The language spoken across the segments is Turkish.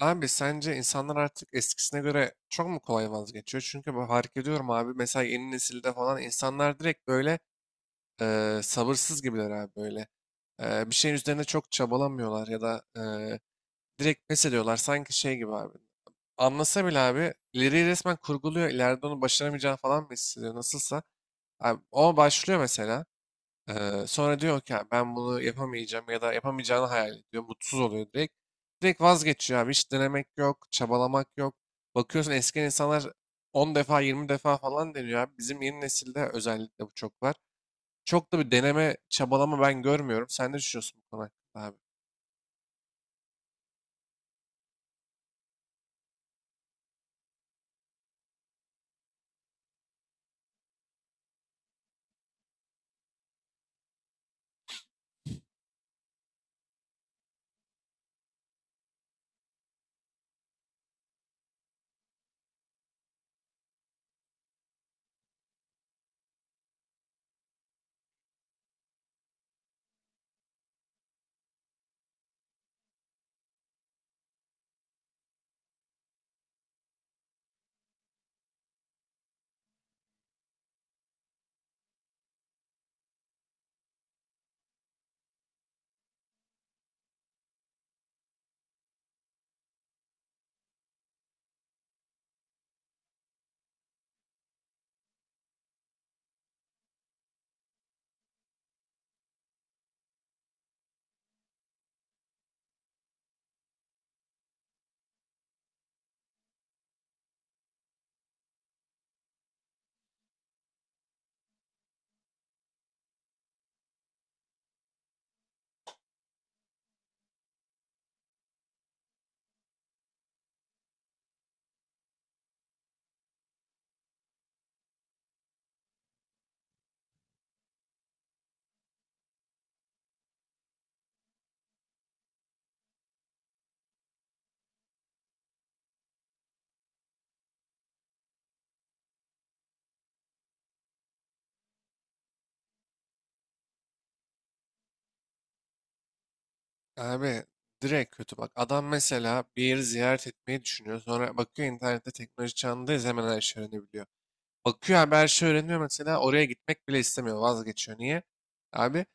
Abi sence insanlar artık eskisine göre çok mu kolay vazgeçiyor? Çünkü ben fark ediyorum abi mesela yeni nesilde falan insanlar direkt böyle sabırsız gibiler abi böyle. Bir şeyin üzerine çok çabalamıyorlar ya da direkt pes ediyorlar sanki şey gibi abi. Anlasa bile abi ileriyi resmen kurguluyor ileride onu başaramayacağını falan mı hissediyor nasılsa. Abi, o başlıyor mesela. Sonra diyor ki "Ya ben bunu yapamayacağım ya da yapamayacağını hayal ediyor. Mutsuz oluyor direkt. Direkt vazgeçiyor abi. Hiç denemek yok, çabalamak yok. Bakıyorsun eski insanlar 10 defa 20 defa falan deniyor abi. Bizim yeni nesilde özellikle bu çok var. Çok da bir deneme, çabalama ben görmüyorum. Sen ne düşünüyorsun bu konu hakkında abi? Abi direkt kötü bak. Adam mesela bir yeri ziyaret etmeyi düşünüyor. Sonra bakıyor internette teknoloji çağındayız hemen her şey öğrenebiliyor. Bakıyor abi her şey öğreniyor mesela oraya gitmek bile istemiyor vazgeçiyor. Niye? Abi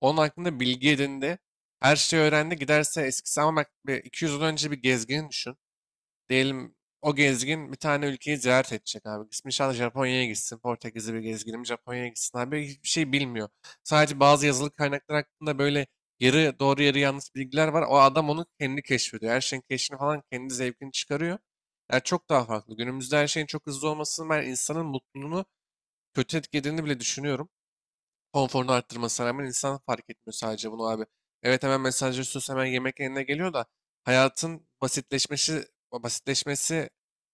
onun hakkında bilgi edindi. Her şeyi öğrendi giderse eskisi ama bak bir 200 yıl önce bir gezgin düşün. Diyelim o gezgin bir tane ülkeyi ziyaret edecek abi. İsmi inşallah Japonya'ya gitsin. Portekizli bir gezginim Japonya'ya gitsin abi. Hiçbir şey bilmiyor. Sadece bazı yazılı kaynaklar hakkında böyle yarı doğru yarı yanlış bilgiler var. O adam onu kendi keşfediyor. Her şeyin keşfini falan kendi zevkini çıkarıyor. Yani çok daha farklı. Günümüzde her şeyin çok hızlı olmasının ben insanın mutluluğunu kötü etkilediğini bile düşünüyorum konforunu arttırmasına rağmen insan fark etmiyor sadece bunu abi. Evet hemen mesajları mesajlaşıyorsun hemen yemek eline geliyor da hayatın basitleşmesi basitleşmesi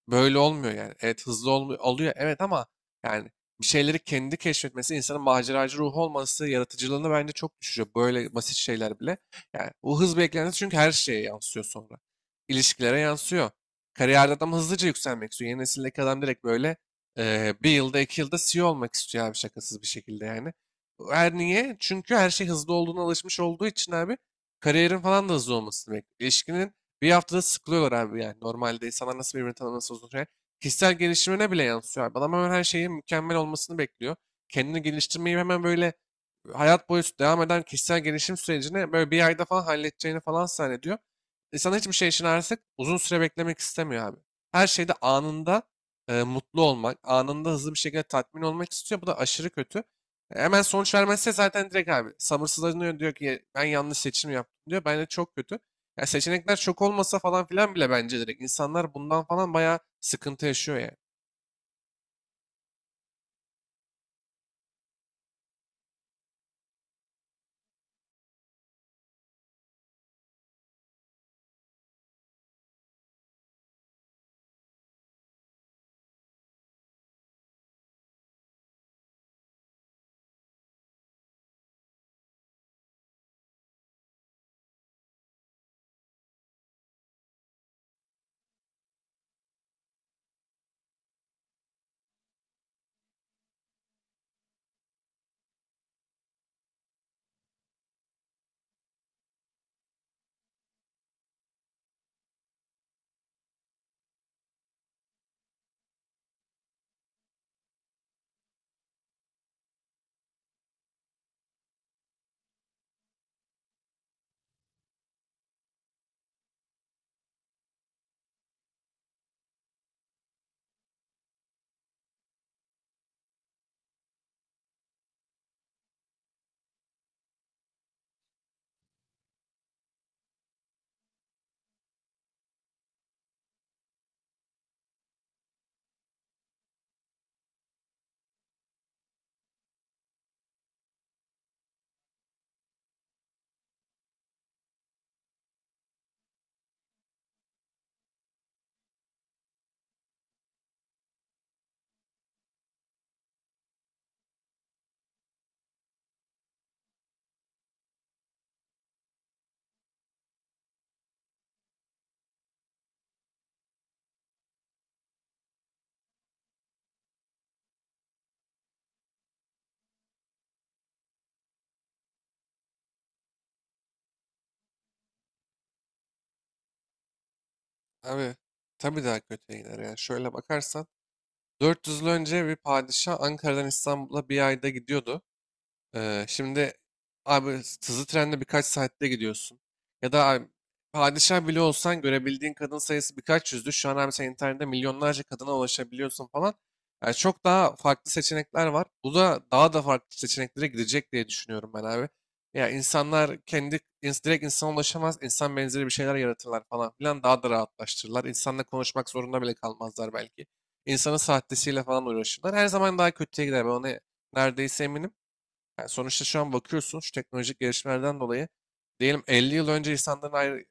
böyle olmuyor yani. Evet hızlı olmuyor, oluyor evet ama yani bir şeyleri kendi keşfetmesi, insanın maceracı ruhu olması, yaratıcılığını bence çok düşürüyor. Böyle basit şeyler bile. Yani bu hız beklentisi çünkü her şeye yansıyor sonra. İlişkilere yansıyor. Kariyerde adam hızlıca yükselmek istiyor. Yeni nesildeki adam direkt böyle bir yılda iki yılda CEO olmak istiyor abi şakasız bir şekilde yani. Her niye? Çünkü her şey hızlı olduğuna alışmış olduğu için abi kariyerin falan da hızlı olmasını bekliyor. İlişkinin bir haftada sıkılıyorlar abi yani. Normalde insanlar nasıl birbirini tanıması uzun süre. Kişisel gelişimine bile yansıyor abi. Adam hemen her şeyin mükemmel olmasını bekliyor. Kendini geliştirmeyi hemen böyle hayat boyu devam eden kişisel gelişim sürecini böyle bir ayda falan halledeceğini falan zannediyor. İnsan hiçbir şey için artık uzun süre beklemek istemiyor abi. Her şeyde anında mutlu olmak, anında hızlı bir şekilde tatmin olmak istiyor. Bu da aşırı kötü. Hemen sonuç vermezse zaten direkt abi sabırsızlanıyor diyor ki ben yanlış seçim yaptım diyor. Bence çok kötü. Ya seçenekler çok olmasa falan filan bile bence direkt insanlar bundan falan bayağı sıkıntı yaşıyor yani. Abi tabii daha kötüye gider yani. Şöyle bakarsan 400 yıl önce bir padişah Ankara'dan İstanbul'a bir ayda gidiyordu. Şimdi abi hızlı trenle birkaç saatte gidiyorsun. Ya da abi, padişah bile olsan görebildiğin kadın sayısı birkaç yüzdü. Şu an abi sen internette milyonlarca kadına ulaşabiliyorsun falan. Yani çok daha farklı seçenekler var. Bu da daha da farklı seçeneklere gidecek diye düşünüyorum ben abi. Ya insanlar kendi direkt insana ulaşamaz. İnsan benzeri bir şeyler yaratırlar falan filan. Daha da rahatlaştırırlar. İnsanla konuşmak zorunda bile kalmazlar belki. İnsanın sahtesiyle falan uğraşırlar. Her zaman daha kötüye gider. Ben ona neredeyse eminim. Yani sonuçta şu an bakıyorsun şu teknolojik gelişmelerden dolayı diyelim 50 yıl önce insanların ayrı,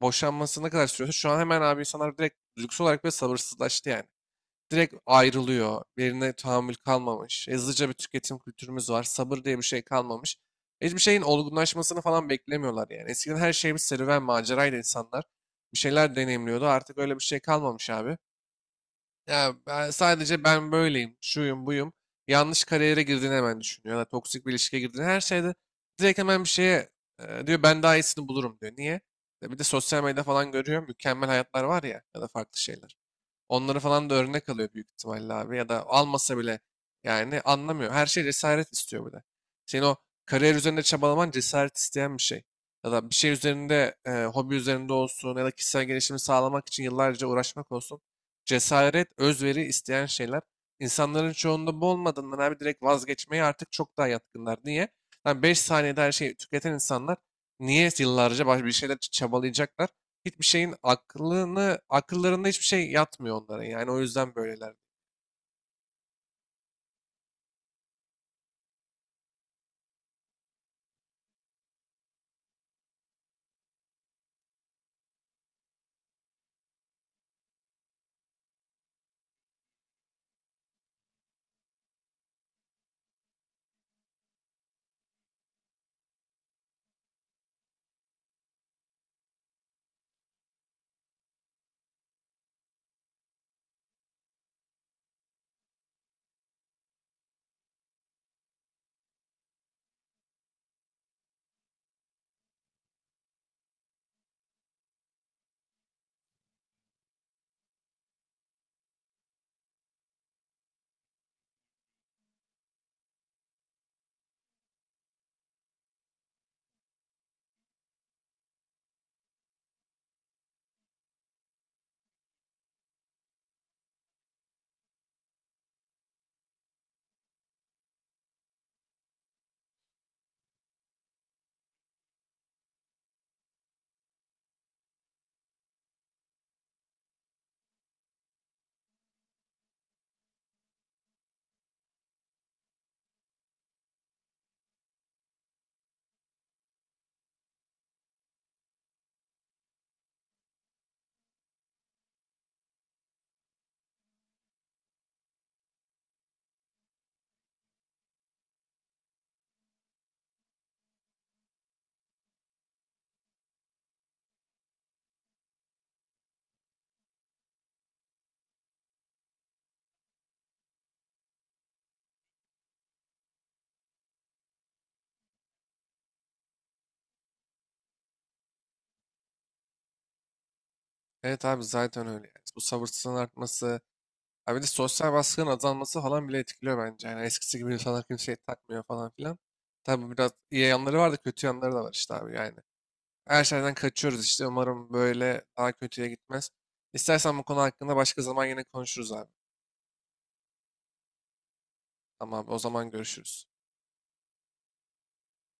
boşanması ne kadar sürüyorsa şu an hemen abi insanlar direkt lüks olarak böyle sabırsızlaştı yani. Direkt ayrılıyor. Birine tahammül kalmamış. Hızlıca bir tüketim kültürümüz var. Sabır diye bir şey kalmamış. Hiçbir şeyin olgunlaşmasını falan beklemiyorlar yani. Eskiden her şey bir serüven, maceraydı insanlar. Bir şeyler deneyimliyordu. Artık öyle bir şey kalmamış abi. Ya ben sadece ben böyleyim, şuyum, buyum. Yanlış kariyere girdiğini hemen düşünüyor. Ya da toksik bir ilişkiye girdiğini her şeyde direkt hemen bir şeye diyor ben daha iyisini bulurum diyor. Niye? Ya bir de sosyal medya falan görüyor. Mükemmel hayatlar var ya ya da farklı şeyler. Onları falan da örnek alıyor büyük ihtimalle abi. Ya da almasa bile yani anlamıyor. Her şey cesaret istiyor bir de. Senin o kariyer üzerinde çabalaman cesaret isteyen bir şey. Ya da bir şey üzerinde, hobi üzerinde olsun ya da kişisel gelişimi sağlamak için yıllarca uğraşmak olsun. Cesaret, özveri isteyen şeyler. İnsanların çoğunda bu olmadığından abi direkt vazgeçmeye artık çok daha yatkınlar. Niye? Lan 5 saniyede her şeyi tüketen insanlar niye yıllarca bir şeyler için çabalayacaklar? Hiçbir şeyin aklını, akıllarında hiçbir şey yatmıyor onların yani o yüzden böyleler. Evet abi zaten öyle yani. Bu sabırsızlığın artması, abi bir de sosyal baskının azalması falan bile etkiliyor bence. Yani eskisi gibi insanlar kimseye takmıyor falan filan. Tabii bu biraz iyi yanları var da kötü yanları da var işte abi yani. Her şeyden kaçıyoruz işte umarım böyle daha kötüye gitmez. İstersen bu konu hakkında başka zaman yine konuşuruz abi. Tamam abi, o zaman görüşürüz.